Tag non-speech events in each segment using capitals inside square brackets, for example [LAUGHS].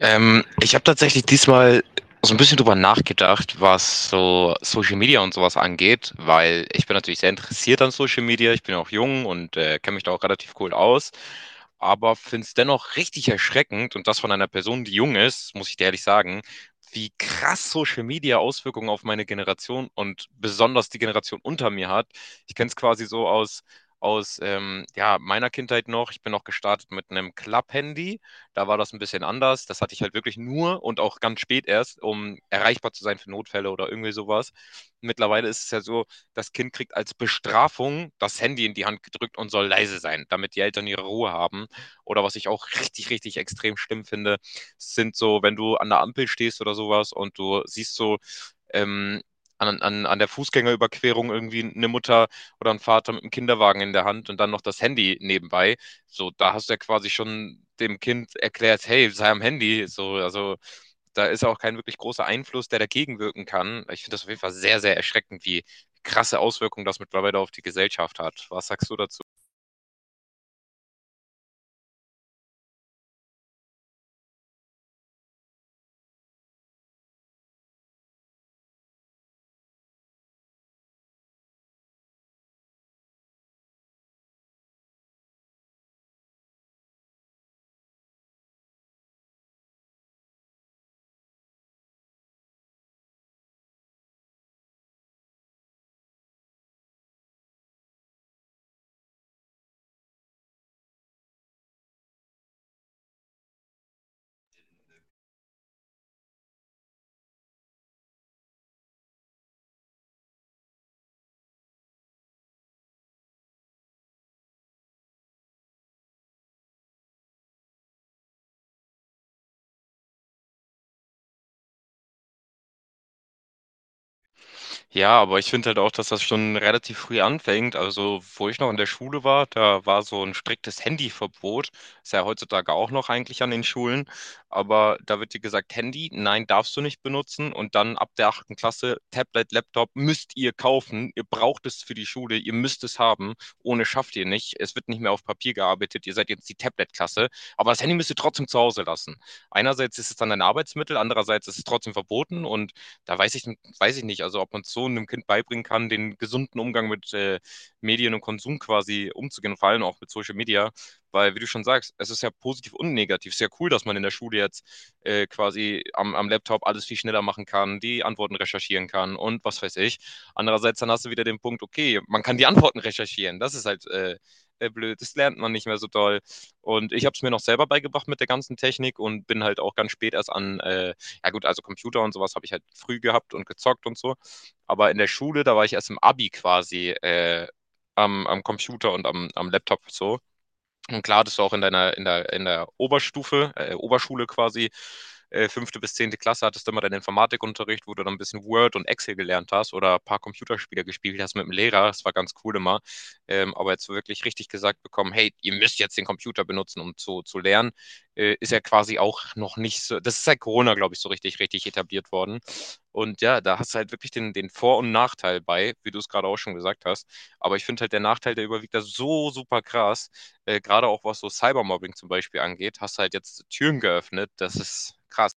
Ich habe tatsächlich diesmal so ein bisschen drüber nachgedacht, was so Social Media und sowas angeht, weil ich bin natürlich sehr interessiert an Social Media. Ich bin auch jung und kenne mich da auch relativ cool aus. Aber finde es dennoch richtig erschreckend, und das von einer Person, die jung ist, muss ich dir ehrlich sagen, wie krass Social Media Auswirkungen auf meine Generation und besonders die Generation unter mir hat. Ich kenne es quasi so aus, aus ja, meiner Kindheit noch. Ich bin noch gestartet mit einem Club-Handy, da war das ein bisschen anders. Das hatte ich halt wirklich nur, und auch ganz spät erst, um erreichbar zu sein für Notfälle oder irgendwie sowas. Mittlerweile ist es ja so, das Kind kriegt als Bestrafung das Handy in die Hand gedrückt und soll leise sein, damit die Eltern ihre Ruhe haben. Oder was ich auch richtig, richtig extrem schlimm finde, sind so, wenn du an der Ampel stehst oder sowas und du siehst so, ähm, an der Fußgängerüberquerung irgendwie eine Mutter oder ein Vater mit einem Kinderwagen in der Hand und dann noch das Handy nebenbei. So, da hast du ja quasi schon dem Kind erklärt, hey, sei am Handy. So, also da ist auch kein wirklich großer Einfluss, der dagegen wirken kann. Ich finde das auf jeden Fall sehr, sehr erschreckend, wie krasse Auswirkungen das mittlerweile auf die Gesellschaft hat. Was sagst du dazu? Ja, aber ich finde halt auch, dass das schon relativ früh anfängt. Also, wo ich noch in der Schule war, da war so ein striktes Handyverbot. Ist ja heutzutage auch noch eigentlich an den Schulen. Aber da wird dir gesagt, Handy, nein, darfst du nicht benutzen. Und dann ab der achten Klasse, Tablet, Laptop müsst ihr kaufen. Ihr braucht es für die Schule, ihr müsst es haben. Ohne schafft ihr nicht. Es wird nicht mehr auf Papier gearbeitet. Ihr seid jetzt die Tablet-Klasse. Aber das Handy müsst ihr trotzdem zu Hause lassen. Einerseits ist es dann ein Arbeitsmittel, andererseits ist es trotzdem verboten, und da weiß ich, weiß ich nicht, also ob man so einem Kind beibringen kann, den gesunden Umgang mit Medien und Konsum quasi umzugehen, vor allem auch mit Social Media, weil, wie du schon sagst, es ist ja positiv und negativ. Es ist ja cool, dass man in der Schule jetzt quasi am Laptop alles viel schneller machen kann, die Antworten recherchieren kann und was weiß ich. Andererseits, dann hast du wieder den Punkt, okay, man kann die Antworten recherchieren. Das ist halt blöd, das lernt man nicht mehr so doll. Und ich habe es mir noch selber beigebracht mit der ganzen Technik, und bin halt auch ganz spät erst an ja gut, also Computer und sowas habe ich halt früh gehabt und gezockt und so. Aber in der Schule, da war ich erst im Abi quasi am Computer und am Laptop so. Und klar hattest du auch in der Oberstufe, Oberschule quasi, fünfte bis zehnte Klasse, hattest du immer deinen Informatikunterricht, wo du dann ein bisschen Word und Excel gelernt hast oder ein paar Computerspiele gespielt hast mit dem Lehrer. Das war ganz cool immer. Aber jetzt so wirklich richtig gesagt bekommen, hey, ihr müsst jetzt den Computer benutzen, um zu lernen, ist ja quasi auch noch nicht so, das ist seit Corona, glaube ich, so richtig, richtig etabliert worden. Und ja, da hast du halt wirklich den Vor- und Nachteil bei, wie du es gerade auch schon gesagt hast. Aber ich finde halt, der Nachteil, der überwiegt da so super krass, gerade auch was so Cybermobbing zum Beispiel angeht, hast du halt jetzt Türen geöffnet. Das ist krass.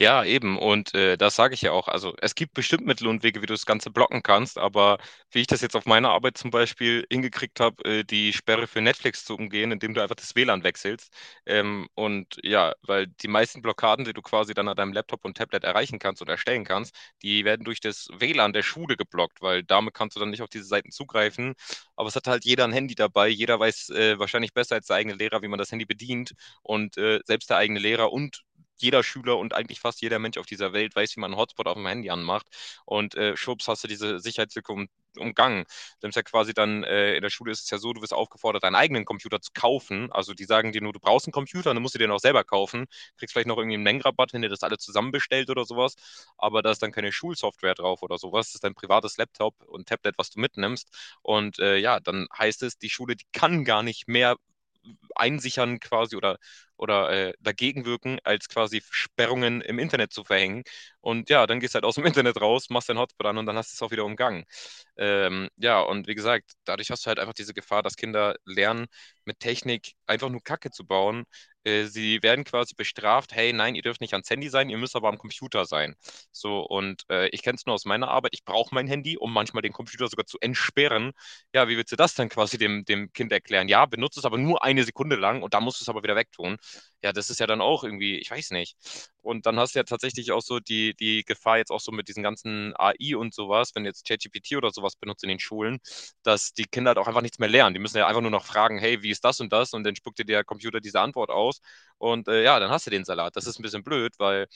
Ja, eben. Und das sage ich ja auch. Also es gibt bestimmt Mittel und Wege, wie du das Ganze blocken kannst, aber wie ich das jetzt auf meiner Arbeit zum Beispiel hingekriegt habe, die Sperre für Netflix zu umgehen, indem du einfach das WLAN wechselst. Und ja, weil die meisten Blockaden, die du quasi dann an deinem Laptop und Tablet erreichen kannst und erstellen kannst, die werden durch das WLAN der Schule geblockt, weil damit kannst du dann nicht auf diese Seiten zugreifen. Aber es hat halt jeder ein Handy dabei. Jeder weiß wahrscheinlich besser als der eigene Lehrer, wie man das Handy bedient. Und selbst der eigene Lehrer und jeder Schüler und eigentlich fast jeder Mensch auf dieser Welt weiß, wie man einen Hotspot auf dem Handy anmacht. Und schwupps hast du diese Sicherheitslücke umgangen. Du nimmst ja quasi dann, in der Schule ist es ja so, du wirst aufgefordert, deinen eigenen Computer zu kaufen. Also die sagen dir nur, du brauchst einen Computer, dann musst du den auch selber kaufen. Kriegst vielleicht noch irgendwie einen Mengenrabatt, wenn ihr das alle zusammenbestellt oder sowas. Aber da ist dann keine Schulsoftware drauf oder sowas. Das ist dein privates Laptop und Tablet, was du mitnimmst. Und ja, dann heißt es, die Schule, die kann gar nicht mehr einsichern quasi, oder dagegen wirken, als quasi Sperrungen im Internet zu verhängen. Und ja, dann gehst du halt aus dem [LAUGHS] Internet raus, machst deinen Hotspot an und dann hast du es auch wieder umgangen. Ja, und wie gesagt, dadurch hast du halt einfach diese Gefahr, dass Kinder lernen, mit Technik einfach nur Kacke zu bauen. Sie werden quasi bestraft, hey, nein, ihr dürft nicht ans Handy sein, ihr müsst aber am Computer sein. So, und ich kenne es nur aus meiner Arbeit, ich brauche mein Handy, um manchmal den Computer sogar zu entsperren. Ja, wie willst du das dann quasi dem Kind erklären? Ja, benutzt es aber nur eine Sekunde lang und dann musst du es aber wieder wegtun. Ja, das ist ja dann auch irgendwie, ich weiß nicht. Und dann hast du ja tatsächlich auch so die Gefahr jetzt auch so mit diesen ganzen AI und sowas, wenn jetzt ChatGPT oder sowas benutzt in den Schulen, dass die Kinder halt auch einfach nichts mehr lernen. Die müssen ja einfach nur noch fragen, hey, wie ist das und das? Und dann spuckt dir der Computer diese Antwort aus. Und ja, dann hast du den Salat. Das ist ein bisschen blöd, weil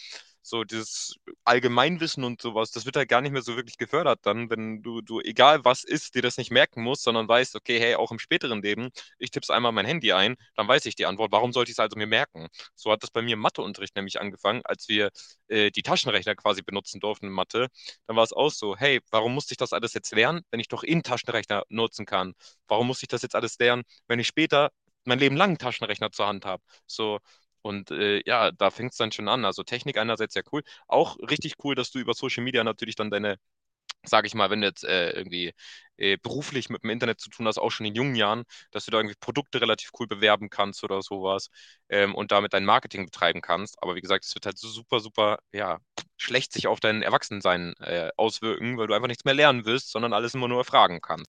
so dieses Allgemeinwissen und sowas, das wird halt gar nicht mehr so wirklich gefördert dann, wenn du, egal was ist, dir das nicht merken musst, sondern weißt, okay, hey, auch im späteren Leben, ich tipp's einmal mein Handy ein, dann weiß ich die Antwort. Warum sollte ich es also mir merken? So hat das bei mir im Matheunterricht nämlich angefangen, als wir die Taschenrechner quasi benutzen durften in Mathe. Dann war es auch so, hey, warum musste ich das alles jetzt lernen, wenn ich doch in Taschenrechner nutzen kann? Warum muss ich das jetzt alles lernen, wenn ich später mein Leben lang einen Taschenrechner zur Hand habe? So, und ja, da fängt es dann schon an. Also Technik einerseits ja cool. Auch richtig cool, dass du über Social Media natürlich dann deine, sage ich mal, wenn du jetzt irgendwie beruflich mit dem Internet zu tun hast, auch schon in jungen Jahren, dass du da irgendwie Produkte relativ cool bewerben kannst oder sowas, und damit dein Marketing betreiben kannst. Aber wie gesagt, es wird halt so super, super, ja, schlecht sich auf dein Erwachsensein auswirken, weil du einfach nichts mehr lernen willst, sondern alles immer nur erfragen kannst.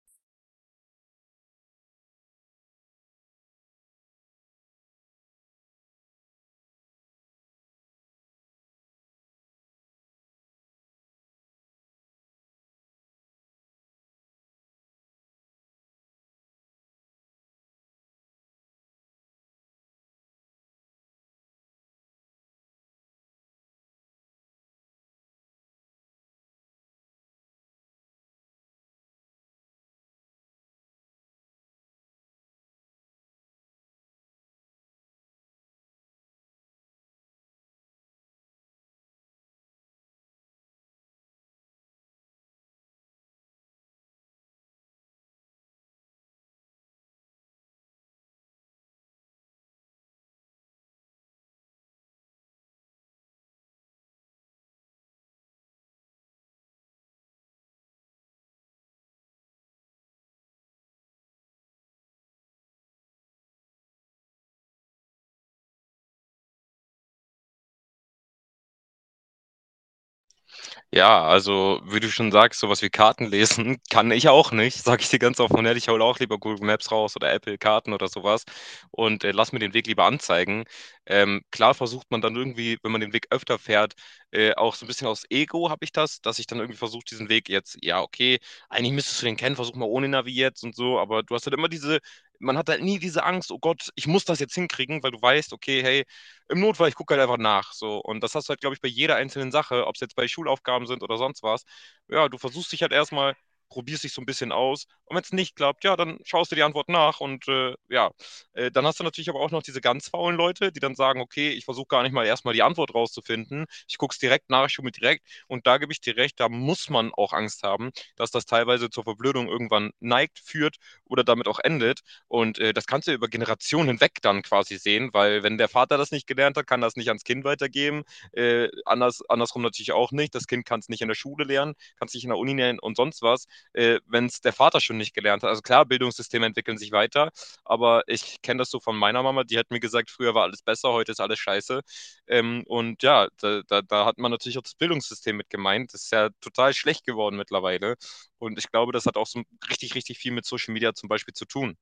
Ja, also, wie du schon sagst, sowas wie Karten lesen [LAUGHS] kann ich auch nicht, sage ich dir ganz offen und ehrlich. Ich hole auch lieber Google Maps raus oder Apple Karten oder sowas und lasse mir den Weg lieber anzeigen. Klar versucht man dann irgendwie, wenn man den Weg öfter fährt, auch so ein bisschen aus Ego habe ich das, dass ich dann irgendwie versuche, diesen Weg jetzt, ja, okay, eigentlich müsstest du den kennen, versuch mal ohne Navi jetzt und so, aber du hast halt immer diese, man hat halt nie diese Angst: „Oh Gott, ich muss das jetzt hinkriegen“, weil du weißt, okay, hey, im Notfall, ich gucke halt einfach nach. So. Und das hast du halt, glaube ich, bei jeder einzelnen Sache, ob es jetzt bei Schulaufgaben sind oder sonst was. Ja, du versuchst dich halt erstmal, probierst dich so ein bisschen aus. Und wenn es nicht klappt, ja, dann schaust du die Antwort nach. Und dann hast du natürlich aber auch noch diese ganz faulen Leute, die dann sagen, okay, ich versuche gar nicht mal erstmal die Antwort rauszufinden. Ich gucke es direkt nach, ich schaue mir direkt. Und da gebe ich dir recht, da muss man auch Angst haben, dass das teilweise zur Verblödung irgendwann neigt, führt oder damit auch endet. Und das kannst du über Generationen hinweg dann quasi sehen, weil wenn der Vater das nicht gelernt hat, kann das nicht ans Kind weitergeben. Andersrum natürlich auch nicht. Das Kind kann es nicht in der Schule lernen, kann es nicht in der Uni lernen und sonst was, wenn es der Vater schon nicht gelernt hat. Also klar, Bildungssysteme entwickeln sich weiter, aber ich kenne das so von meiner Mama, die hat mir gesagt, früher war alles besser, heute ist alles scheiße. Und ja, da hat man natürlich auch das Bildungssystem mit gemeint. Das ist ja total schlecht geworden mittlerweile. Und ich glaube, das hat auch so richtig, richtig viel mit Social Media zum Beispiel zu tun.